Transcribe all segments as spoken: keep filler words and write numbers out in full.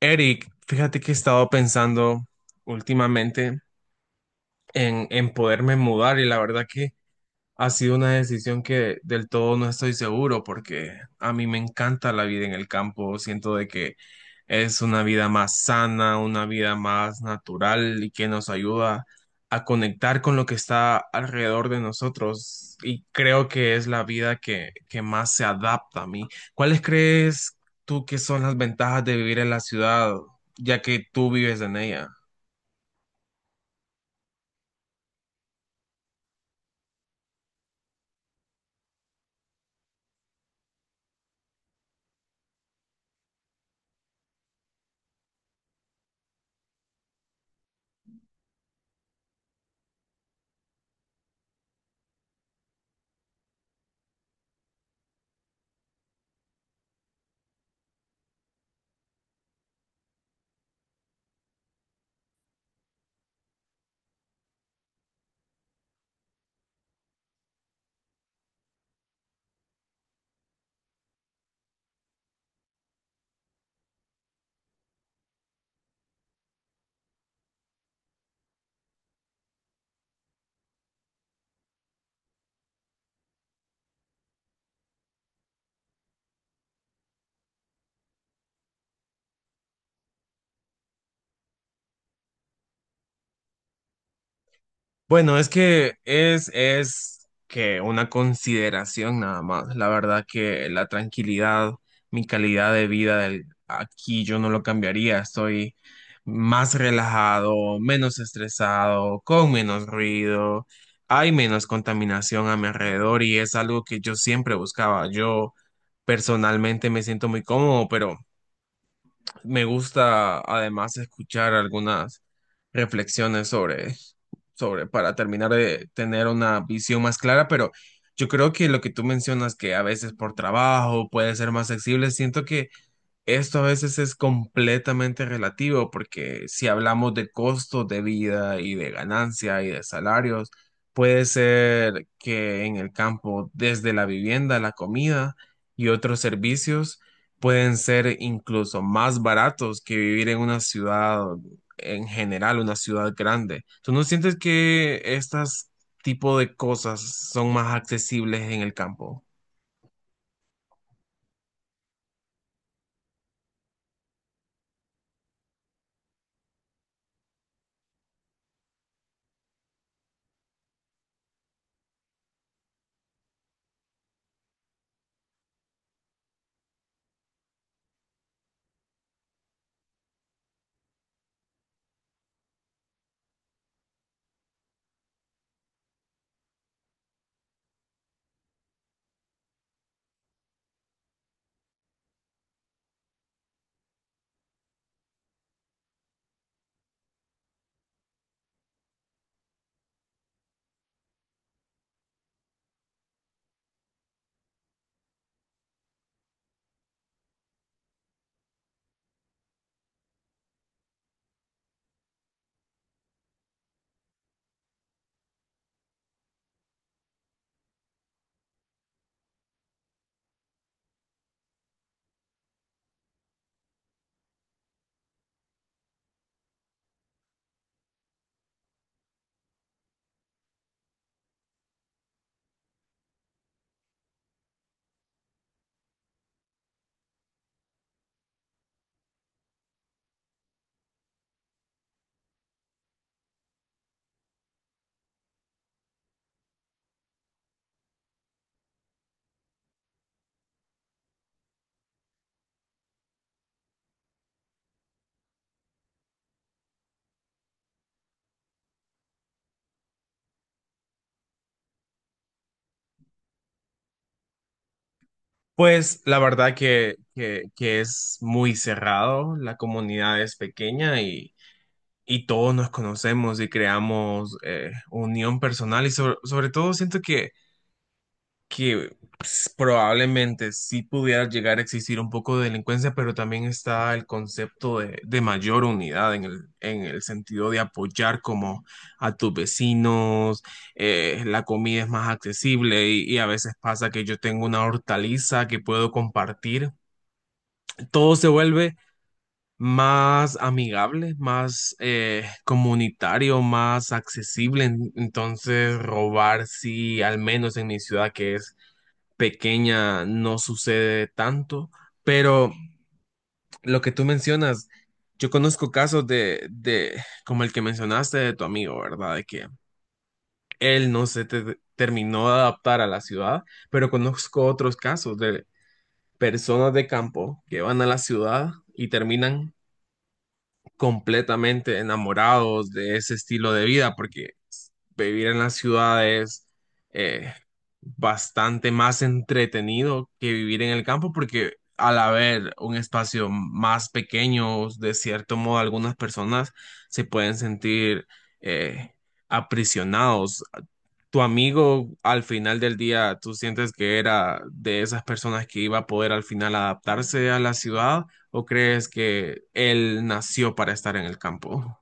Eric, fíjate que he estado pensando últimamente en, en poderme mudar y la verdad que ha sido una decisión que del todo no estoy seguro porque a mí me encanta la vida en el campo. Siento de que es una vida más sana, una vida más natural y que nos ayuda a conectar con lo que está alrededor de nosotros. Y creo que es la vida que, que más se adapta a mí. ¿Cuáles crees tú que son las ventajas de vivir en la ciudad, ya que tú vives en ella? Bueno, es que es, es que una consideración nada más. La verdad que la tranquilidad, mi calidad de vida del- aquí yo no lo cambiaría. Estoy más relajado, menos estresado, con menos ruido, hay menos contaminación a mi alrededor y es algo que yo siempre buscaba. Yo personalmente me siento muy cómodo, pero me gusta además escuchar algunas reflexiones sobre, sobre, para terminar de tener una visión más clara, pero yo creo que lo que tú mencionas, que a veces por trabajo puede ser más flexible, siento que esto a veces es completamente relativo porque si hablamos de costos de vida y de ganancia y de salarios, puede ser que en el campo, desde la vivienda, la comida y otros servicios, pueden ser incluso más baratos que vivir en una ciudad en general, una ciudad grande. ¿Tú no sientes que estas tipo de cosas son más accesibles en el campo? Pues la verdad que, que, que es muy cerrado, la comunidad es pequeña y, y todos nos conocemos y creamos eh, unión personal y sobre, sobre todo siento que, que pues, probablemente sí pudiera llegar a existir un poco de delincuencia, pero también está el concepto de, de mayor unidad en el, en el sentido de apoyar como a tus vecinos, eh, la comida es más accesible y, y a veces pasa que yo tengo una hortaliza que puedo compartir todo se vuelve más amigable, más eh, comunitario, más accesible. En- Entonces, robar, sí, al menos en mi ciudad que es pequeña, no sucede tanto. Pero lo que tú mencionas, yo conozco casos de, de como el que mencionaste de tu amigo, ¿verdad? De que él no se te- terminó de adaptar a la ciudad, pero conozco otros casos de personas de campo que van a la ciudad y terminan completamente enamorados de ese estilo de vida, porque vivir en las ciudades es eh, bastante más entretenido que vivir en el campo porque al haber un espacio más pequeño, de cierto modo, algunas personas se pueden sentir eh, aprisionados. Tu amigo al final del día, ¿tú sientes que era de esas personas que iba a poder al final adaptarse a la ciudad o crees que él nació para estar en el campo?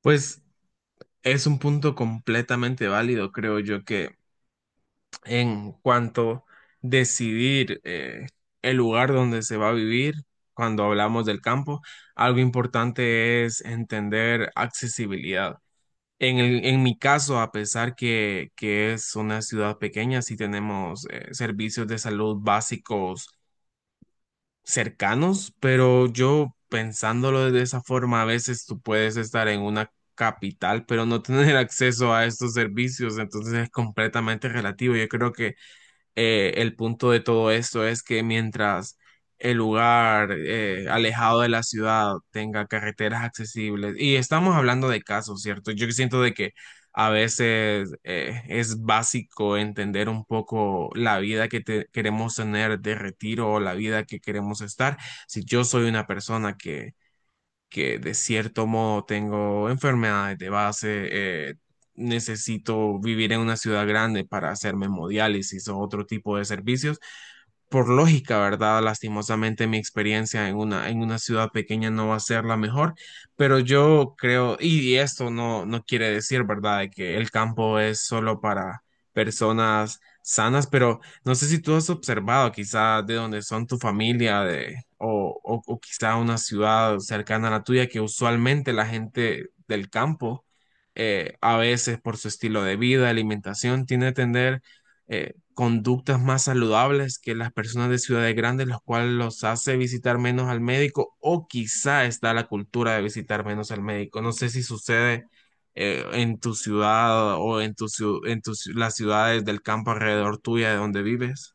Pues es un punto completamente válido, creo yo, que en cuanto decidir eh, el lugar donde se va a vivir, cuando hablamos del campo, algo importante es entender accesibilidad. En el- en mi caso, a pesar que, que es una ciudad pequeña, sí tenemos eh, servicios de salud básicos cercanos, pero yo pensándolo de esa forma, a veces tú puedes estar en una capital, pero no tener acceso a estos servicios, entonces es completamente relativo. Yo creo que eh, el punto de todo esto es que mientras el lugar eh, alejado de la ciudad tenga carreteras accesibles, y estamos hablando de casos, ¿cierto? Yo siento de que a veces eh, es básico entender un poco la vida que te- queremos tener de retiro o la vida que queremos estar. Si yo soy una persona que que de cierto modo tengo enfermedades de base, eh, necesito vivir en una ciudad grande para hacerme hemodiálisis o otro tipo de servicios. Por lógica, ¿verdad? Lastimosamente mi experiencia en una, en una ciudad pequeña no va a ser la mejor, pero yo creo, y esto no, no quiere decir, ¿verdad?, de que el campo es solo para personas sanas, pero no sé si tú has observado quizá de dónde son tu familia de, o, o, o quizá una ciudad cercana a la tuya que usualmente la gente del campo eh, a veces por su estilo de vida, alimentación, tiene a tener eh, conductas más saludables que las personas de ciudades grandes, los cuales los hace visitar menos al médico o quizá está la cultura de visitar menos al médico. No sé si sucede eh, en tu ciudad o en tu, ciu- en tus las ciudades del campo alrededor tuya de donde vives?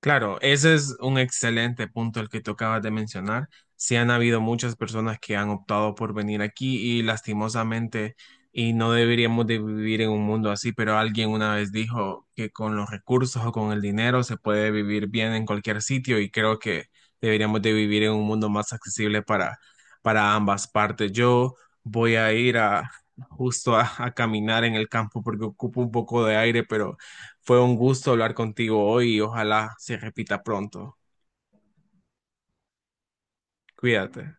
Claro, ese es un excelente punto el que tú acabas de mencionar. Sí han habido muchas personas que han optado por venir aquí y lastimosamente, y no deberíamos de vivir en un mundo así, pero alguien una vez dijo que con los recursos o con el dinero se puede vivir bien en cualquier sitio y creo que deberíamos de vivir en un mundo más accesible para, para ambas partes. Yo voy a ir a justo a a caminar en el campo porque ocupo un poco de aire, pero... Fue un gusto hablar contigo hoy y ojalá se repita pronto. Cuídate.